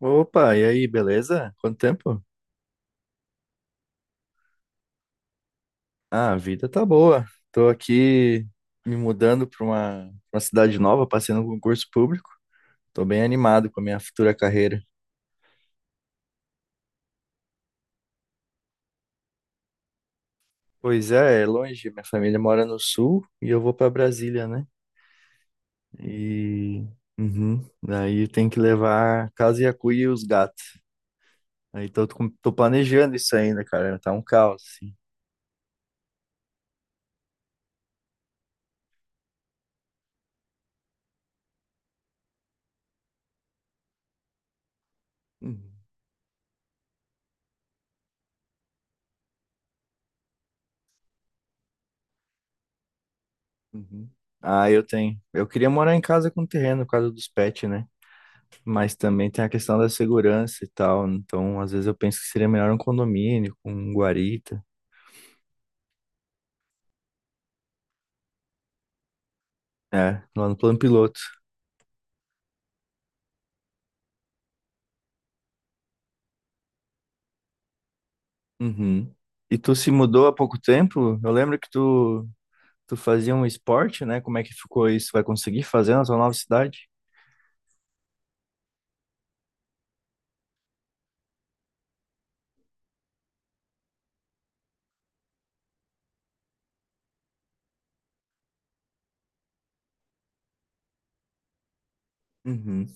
Opa, e aí, beleza? Quanto tempo? Ah, a vida tá boa. Tô aqui me mudando para uma cidade nova, passei num concurso público. Tô bem animado com a minha futura carreira. Pois é, é longe, minha família mora no sul e eu vou para Brasília, né? E uhum, daí tem que levar a casa e a cuia e os gatos. Aí tô planejando isso ainda, cara. Tá um caos, assim. Uhum, uhum. Ah, eu tenho. Eu queria morar em casa com terreno, por causa dos pets, né? Mas também tem a questão da segurança e tal. Então, às vezes eu penso que seria melhor um condomínio com um guarita. É, lá no plano piloto. Uhum. E tu se mudou há pouco tempo? Eu lembro que tu fazia um esporte, né? Como é que ficou isso? Vai conseguir fazer na tua nova cidade? Uhum,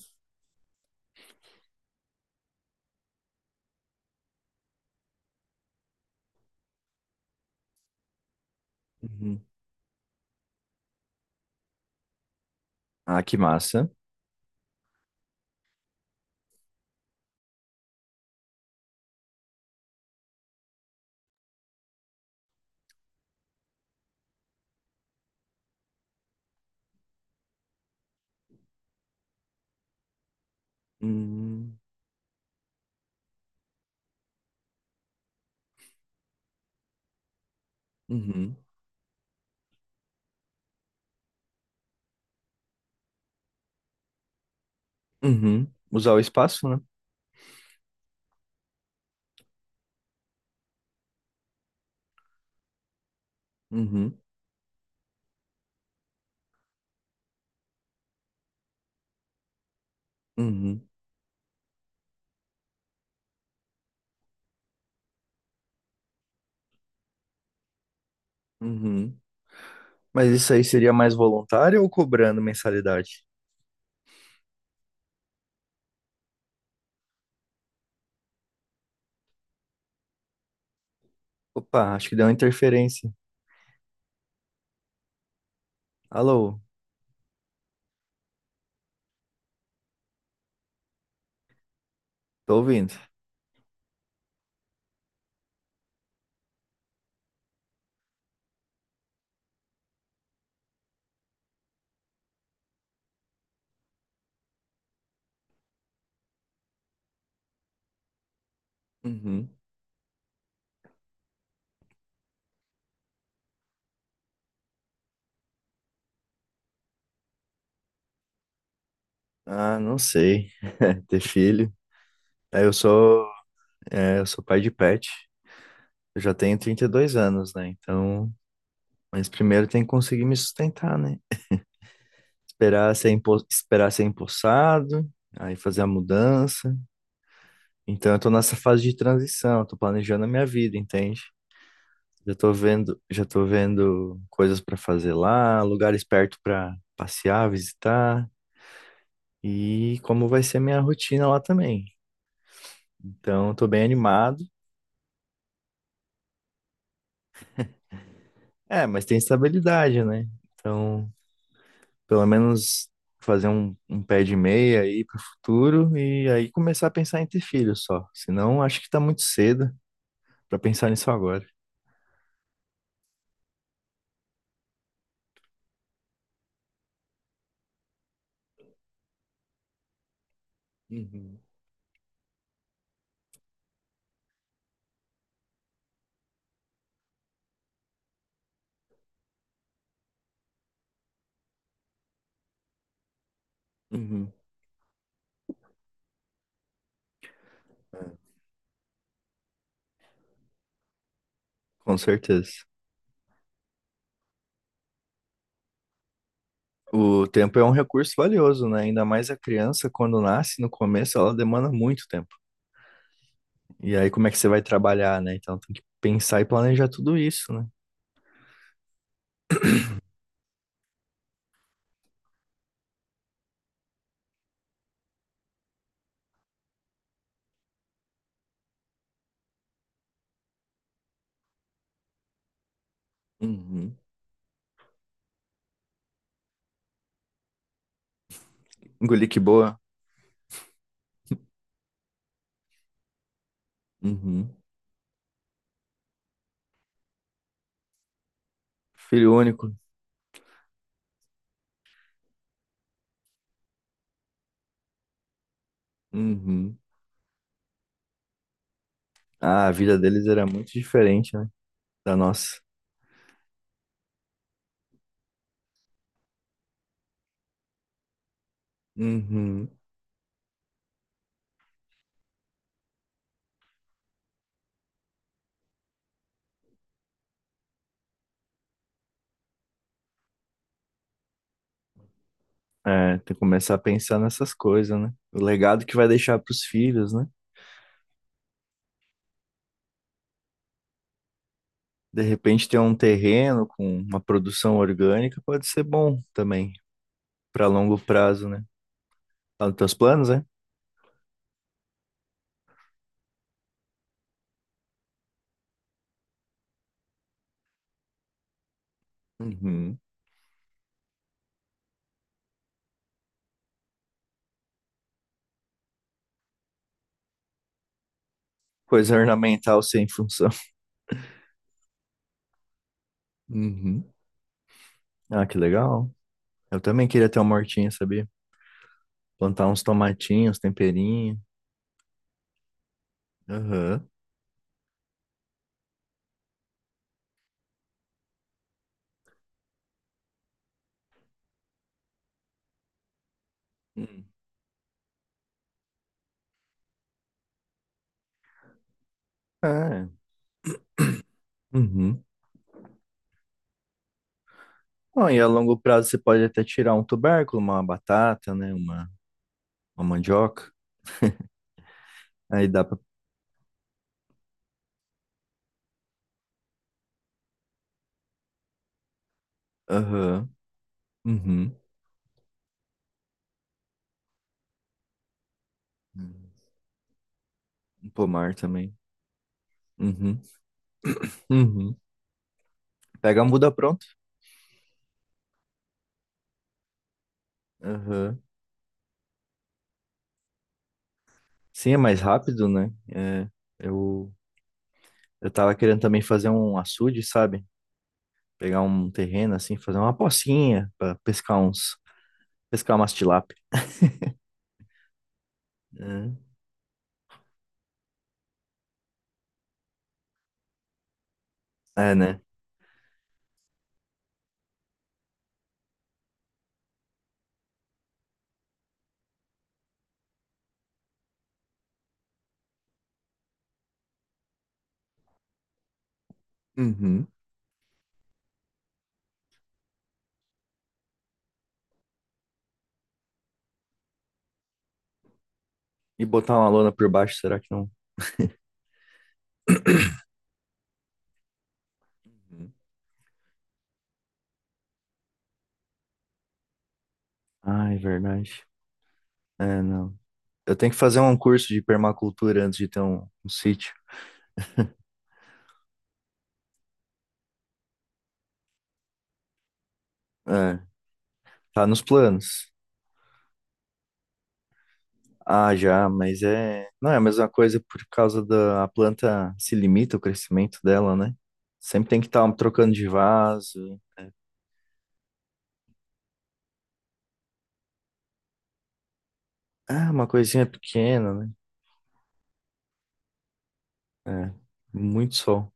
uhum. Ah, que massa. Uhum, uhum, uhum. Usar o espaço, né? Uhum, uhum, uhum. Mas isso aí seria mais voluntário ou cobrando mensalidade? Opa, acho que deu uma interferência. Alô, tô ouvindo. Uhum. Ah, não sei. Ter filho. É, eu sou, é, eu sou pai de pet. Eu já tenho 32 anos, né? Então, mas primeiro tem que conseguir me sustentar, né? Esperar ser empossado, aí fazer a mudança. Então eu tô nessa fase de transição, tô planejando a minha vida, entende? Já tô vendo coisas para fazer lá, lugares perto para passear, visitar e como vai ser a minha rotina lá também. Então eu tô bem animado. É, mas tem estabilidade, né? Então, pelo menos fazer um pé de meia aí pro futuro e aí começar a pensar em ter filho só. Senão acho que tá muito cedo para pensar nisso agora. Uhum. Uhum. Com certeza. O tempo é um recurso valioso, né? Ainda mais a criança, quando nasce, no começo, ela demanda muito tempo. E aí, como é que você vai trabalhar, né? Então, tem que pensar e planejar tudo isso, né? Uhum. Engoli que boa. Uhum. Filho único. Uhum. Ah, a vida deles era muito diferente, né? Da nossa. Uhum. É, tem que começar a pensar nessas coisas, né? O legado que vai deixar para os filhos, né? De repente, ter um terreno com uma produção orgânica pode ser bom também, para longo prazo, né? Tá nos teus planos, é? Uhum. Coisa ornamental sem função. Uhum. Ah, que legal. Eu também queria ter uma hortinha, sabia? Plantar uns tomatinhos, temperinho. Aham. Hum. É. Uhum. Bom, e a longo prazo você pode até tirar um tubérculo, uma batata, né? Uma mandioca. Aí dá pra. Aham. Uhum. Um pomar também. Uhum. Uhum. Pega a muda pronto. Aham. Sim, é mais rápido, né? É, eu, eu tava querendo também fazer um açude, sabe? Pegar um terreno assim, fazer uma pocinha pra pescar uns, pescar umas tilápia. É, é, né? Uhum. E botar uma lona por baixo, será que não? Uhum. Ai, verdade. É, não. Eu tenho que fazer um curso de permacultura antes de ter um sítio. É, tá nos planos. Ah, já, mas é. Não é a mesma coisa por causa da a planta se limita o crescimento dela, né? Sempre tem que estar trocando de vaso. Ah, uma coisinha pequena, né? É, muito sol.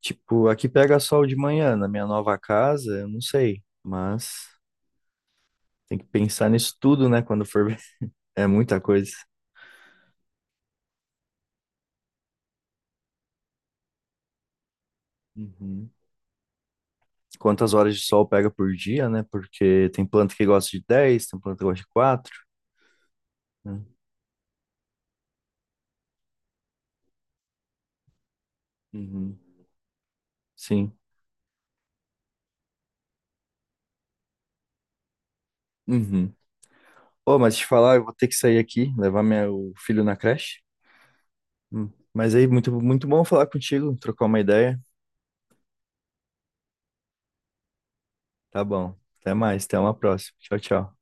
Tipo, aqui pega sol de manhã, na minha nova casa, eu não sei, mas tem que pensar nisso tudo, né, quando for ver. É muita coisa. Uhum. Quantas horas de sol pega por dia, né? Porque tem planta que gosta de 10, tem planta que gosta de 4. Né? Uhum. Sim. Uhum. Ô, mas te falar, eu vou ter que sair aqui, levar meu filho na creche. Hum. Mas aí, muito, muito bom falar contigo, trocar uma ideia. Tá bom. Até mais, até uma próxima. Tchau, tchau.